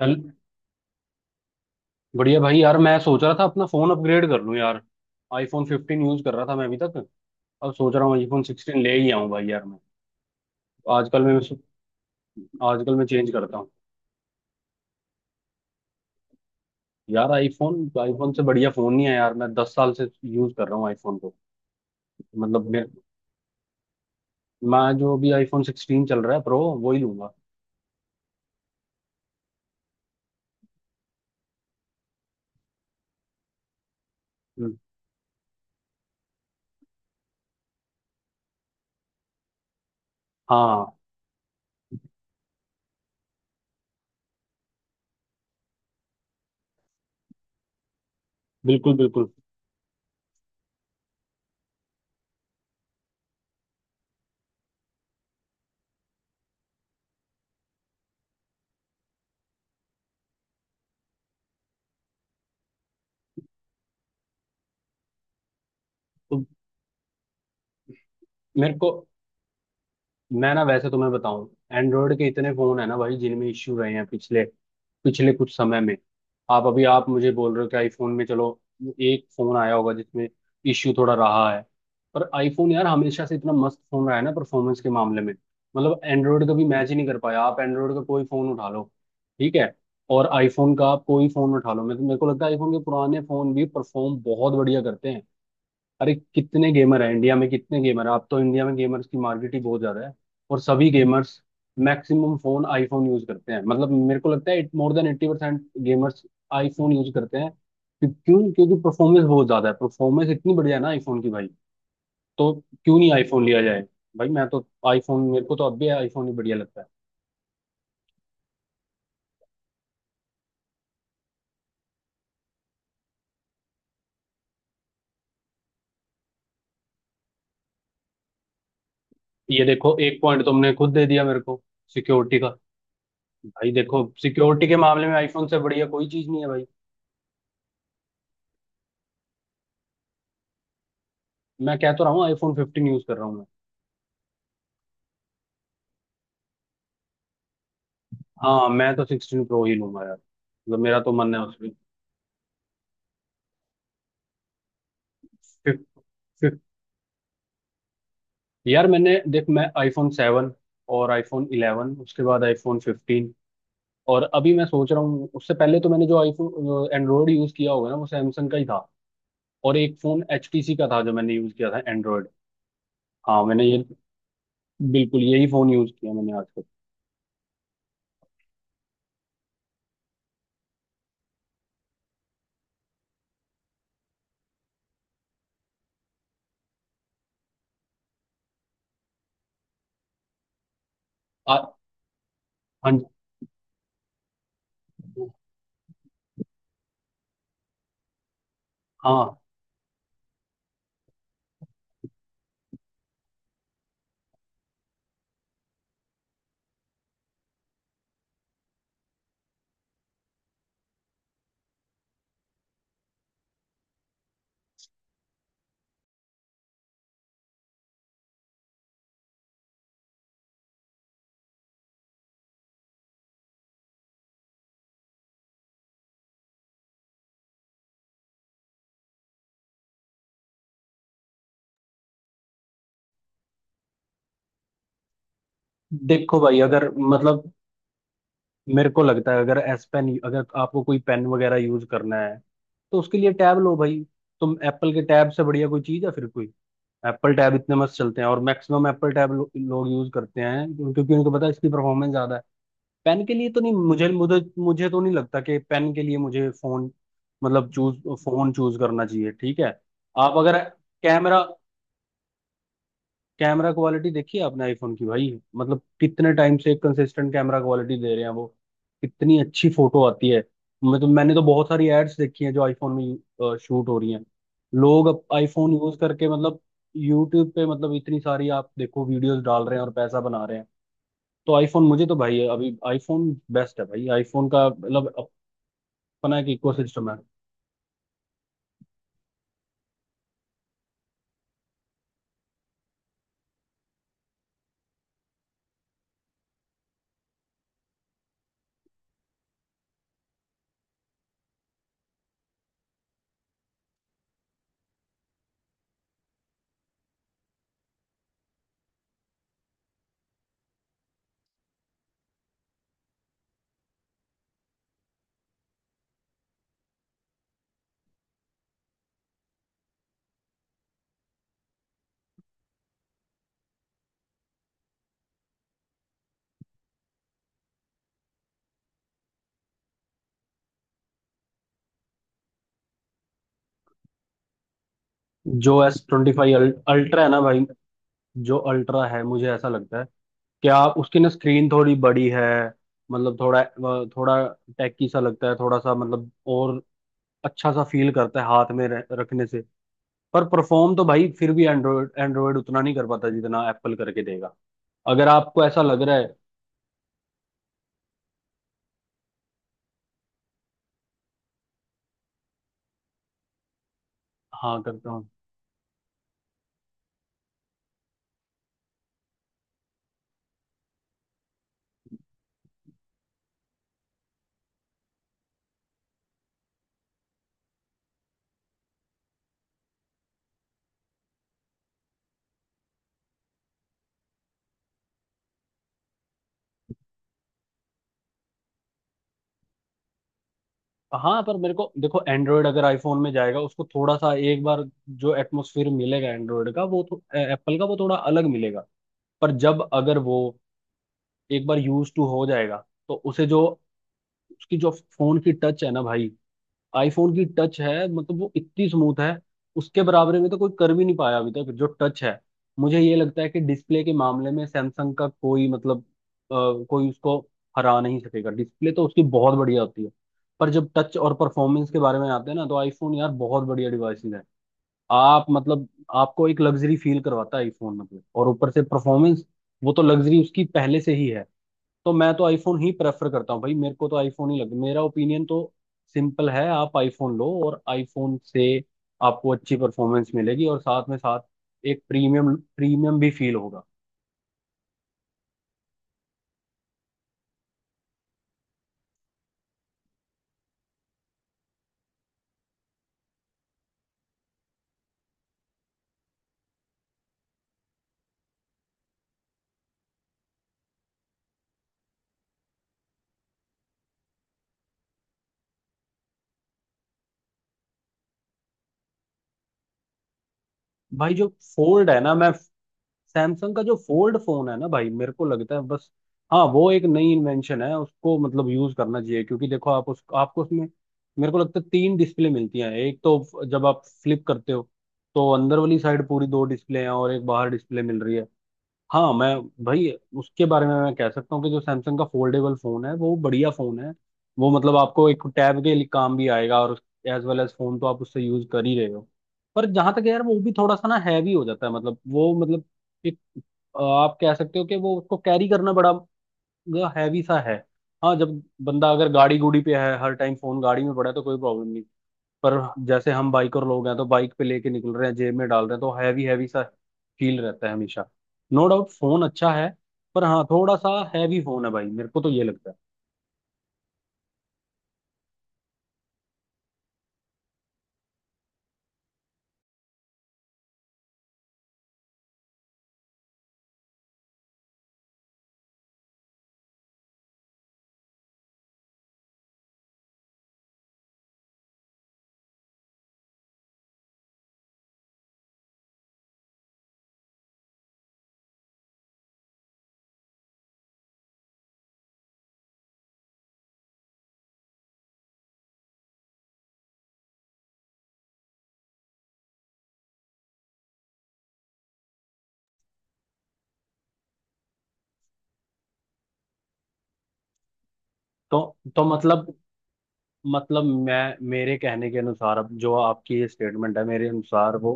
चल बढ़िया भाई यार मैं सोच रहा था अपना फोन अपग्रेड कर लूं यार। आईफोन फिफ्टीन यूज कर रहा था मैं अभी तक। अब सोच रहा हूँ आईफोन सिक्सटीन ले ही आऊं भाई यार। मैं आजकल मैं आजकल मैं चेंज करता हूँ। यार आईफोन आईफोन से बढ़िया फोन नहीं है यार। मैं 10 साल से यूज कर रहा हूँ आईफोन को। मतलब मेरे मैं जो अभी आईफोन सिक्सटीन चल रहा है प्रो वो ही लूंगा। हम्म, हाँ, बिल्कुल बिल्कुल। तो मेरे को मैं ना वैसे तुम्हें बताऊं, एंड्रॉयड के इतने फोन है ना भाई जिनमें इश्यू रहे हैं पिछले पिछले कुछ समय में। आप मुझे बोल रहे हो कि आईफोन में चलो एक फोन आया होगा जिसमें इश्यू थोड़ा रहा है। पर आईफोन यार हमेशा से इतना मस्त फोन रहा है ना परफॉर्मेंस के मामले में। मतलब एंड्रॉयड का भी मैच ही नहीं कर पाया। आप एंड्रॉयड का कोई फोन उठा लो ठीक है, और आईफोन का आप कोई फोन उठा लो, मेरे मेरे को लगता है आईफोन के पुराने फोन भी परफॉर्म बहुत बढ़िया करते हैं। अरे कितने गेमर हैं इंडिया में, कितने गेमर हैं। आप तो इंडिया में गेमर्स की मार्केट ही बहुत ज्यादा है और सभी gamers maximum phone iPhone use करते हैं। मतलब मेरे को लगता है it more then 80% gamers iPhone use करते हैं। क्यों क्यों? क्योंकि परफॉर्मेंस बहुत ज्यादा है, परफॉर्मेंस इतनी बढ़िया है ना आईफोन की भाई। तो क्यों नहीं आईफोन लिया जाए। भाई मैं तो आईफोन, मेरे को तो अब भी आईफोन ही बढ़िया लगता है। ये देखो एक पॉइंट तुमने खुद दे दिया मेरे को, सिक्योरिटी का। भाई देखो सिक्योरिटी के मामले में आईफोन से बढ़िया कोई चीज नहीं है भाई। मैं कहता रहा हूँ आईफोन फिफ्टीन यूज कर रहा हूँ। हाँ मैं तो सिक्सटीन प्रो ही लूंगा यार, मतलब मेरा तो मन है उसमें। फिफ्थ फिफ्थ यार मैंने देख मैं आईफोन सेवन और आईफोन इलेवन, उसके बाद आईफोन फिफ्टीन, और अभी मैं सोच रहा हूँ। उससे पहले तो मैंने जो आईफोन एंड्रॉयड यूज किया होगा ना वो सैमसंग का ही था, और एक फोन HTC का था जो मैंने यूज किया था एंड्रॉयड। हाँ मैंने ये बिल्कुल यही फोन यूज किया मैंने आज तक। आ- हाँ, हाँ, देखो भाई अगर मतलब मेरे को लगता है अगर एस पेन, अगर आपको कोई पेन वगैरह यूज करना है तो उसके लिए टैब लो भाई। तुम एप्पल के टैब से बढ़िया कोई चीज है फिर कोई? एप्पल टैब इतने मस्त चलते हैं और मैक्सिमम एप्पल टैब लो, लोग यूज करते हैं। क्योंकि उनको पता है इसकी परफॉर्मेंस ज्यादा है। पेन के लिए तो नहीं मुझे मुझे मुझे तो नहीं लगता कि पेन के लिए मुझे फोन, मतलब चूज फोन चूज करना चाहिए ठीक है। आप अगर कैमरा कैमरा क्वालिटी देखिए आपने आईफोन की भाई। मतलब कितने टाइम से एक कंसिस्टेंट कैमरा क्वालिटी दे रहे हैं वो, कितनी अच्छी फोटो आती है। मैंने तो बहुत सारी एड्स देखी हैं जो आईफोन में शूट हो रही हैं। लोग अब आईफोन यूज करके मतलब यूट्यूब पे, मतलब इतनी सारी आप देखो वीडियोस डाल रहे हैं और पैसा बना रहे हैं। तो आईफोन मुझे तो भाई अभी आईफोन बेस्ट है भाई, आईफोन का मतलब अपना एक इकोसिस्टम है। जो एस ट्वेंटी फाइव अल्ट्रा है ना भाई, जो अल्ट्रा है, मुझे ऐसा लगता है क्या उसकी ना स्क्रीन थोड़ी बड़ी है, मतलब थोड़ा वह थोड़ा टैकी सा लगता है थोड़ा सा, मतलब और अच्छा सा फील करता है हाथ में रखने से। पर परफॉर्म तो भाई फिर भी एंड्रॉयड एंड्रॉयड उतना नहीं कर पाता जितना एप्पल करके देगा, अगर आपको ऐसा लग रहा है। हाँ करता हूँ। हाँ पर मेरे को देखो एंड्रॉयड अगर आईफोन में जाएगा उसको थोड़ा सा, एक बार जो एटमोसफियर मिलेगा एंड्रॉयड का वो, एप्पल का वो थोड़ा अलग मिलेगा। पर जब अगर वो एक बार यूज टू हो जाएगा, तो उसे जो उसकी जो फोन की टच है ना भाई, आईफोन की टच है, मतलब वो इतनी स्मूथ है उसके बराबरी में तो कोई कर भी नहीं पाया अभी तक जो टच है। मुझे ये लगता है कि डिस्प्ले के मामले में सैमसंग का कोई मतलब, कोई उसको हरा नहीं सकेगा, डिस्प्ले तो उसकी बहुत बढ़िया होती है। पर जब टच और परफॉर्मेंस के बारे में आते हैं ना, तो आईफोन यार बहुत बढ़िया डिवाइस है। आप मतलब आपको एक लग्जरी फील करवाता है आईफोन, मतलब और ऊपर से परफॉर्मेंस, वो तो लग्जरी उसकी पहले से ही है। तो मैं तो आईफोन ही प्रेफर करता हूँ भाई, मेरे को तो आईफोन ही लगता है। मेरा ओपिनियन तो सिंपल है, आप आईफोन लो और आईफोन से आपको अच्छी परफॉर्मेंस मिलेगी और साथ में साथ एक प्रीमियम प्रीमियम भी फील होगा। भाई जो फोल्ड है ना मैं सैमसंग का जो फोल्ड फोन है ना भाई, मेरे को लगता है बस, हाँ वो एक नई इन्वेंशन है, उसको मतलब यूज करना चाहिए क्योंकि देखो आप उस आपको उसमें मेरे को लगता है 3 डिस्प्ले मिलती हैं। एक तो जब आप फ्लिप करते हो तो अंदर वाली साइड पूरी 2 डिस्प्ले हैं और एक बाहर डिस्प्ले मिल रही है। हाँ मैं भाई उसके बारे में मैं कह सकता हूँ कि जो सैमसंग का फोल्डेबल फोन है वो बढ़िया फोन है। वो मतलब आपको एक टैब के लिए काम भी आएगा और एज वेल एज फोन तो आप उससे यूज कर ही रहे हो। पर जहां तक है यार वो भी थोड़ा सा ना हैवी हो जाता है, मतलब वो मतलब एक अ, आप कह सकते हो कि वो उसको कैरी करना बड़ा हैवी सा है। हाँ जब बंदा अगर गाड़ी गुड़ी पे है, हर टाइम फोन गाड़ी में पड़ा है तो कोई प्रॉब्लम, पर जैसे हम बाइकर लोग हैं तो बाइक पे लेके निकल रहे हैं, जेब में डाल रहे हैं तो हैवी हैवी सा फील रहता है हमेशा। नो डाउट फोन अच्छा है पर हाँ थोड़ा सा हैवी फोन है भाई, मेरे को तो ये लगता है। तो मतलब मतलब मैं मेरे कहने के अनुसार अब जो आपकी ये स्टेटमेंट है, मेरे अनुसार वो,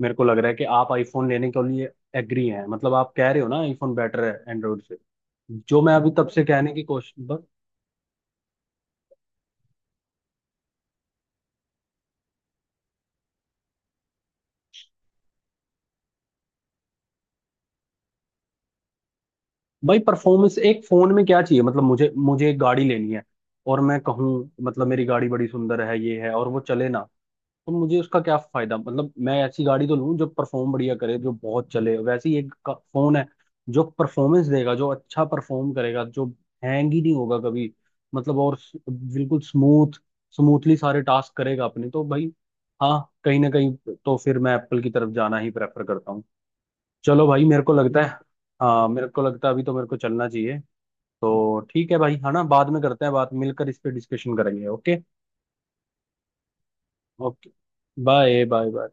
मेरे को लग रहा है कि आप आईफोन लेने के लिए एग्री हैं, मतलब आप कह रहे हो ना आईफोन बेटर है एंड्रॉइड से, जो मैं अभी तब से कहने की कोशिश। भाई परफॉर्मेंस एक फोन में क्या चाहिए, मतलब मुझे मुझे एक गाड़ी लेनी है और मैं कहूँ मतलब मेरी गाड़ी बड़ी सुंदर है ये है और वो चले ना, तो मुझे उसका क्या फायदा। मतलब मैं ऐसी गाड़ी तो लूँ जो परफॉर्म बढ़िया करे, जो बहुत चले, वैसे ही एक फोन है जो परफॉर्मेंस देगा, जो अच्छा परफॉर्म करेगा, जो हैंग ही नहीं होगा कभी, मतलब और बिल्कुल स्मूथ स्मूथली सारे टास्क करेगा अपने, तो भाई हाँ कहीं ना कहीं तो फिर मैं एप्पल की तरफ जाना ही प्रेफर करता हूँ। चलो भाई मेरे को लगता है, हाँ मेरे को लगता है अभी तो मेरे को चलना चाहिए। तो ठीक है भाई है ना, बाद में करते हैं बात, मिलकर इस पे डिस्कशन करेंगे, okay. Okay, bye bye bye.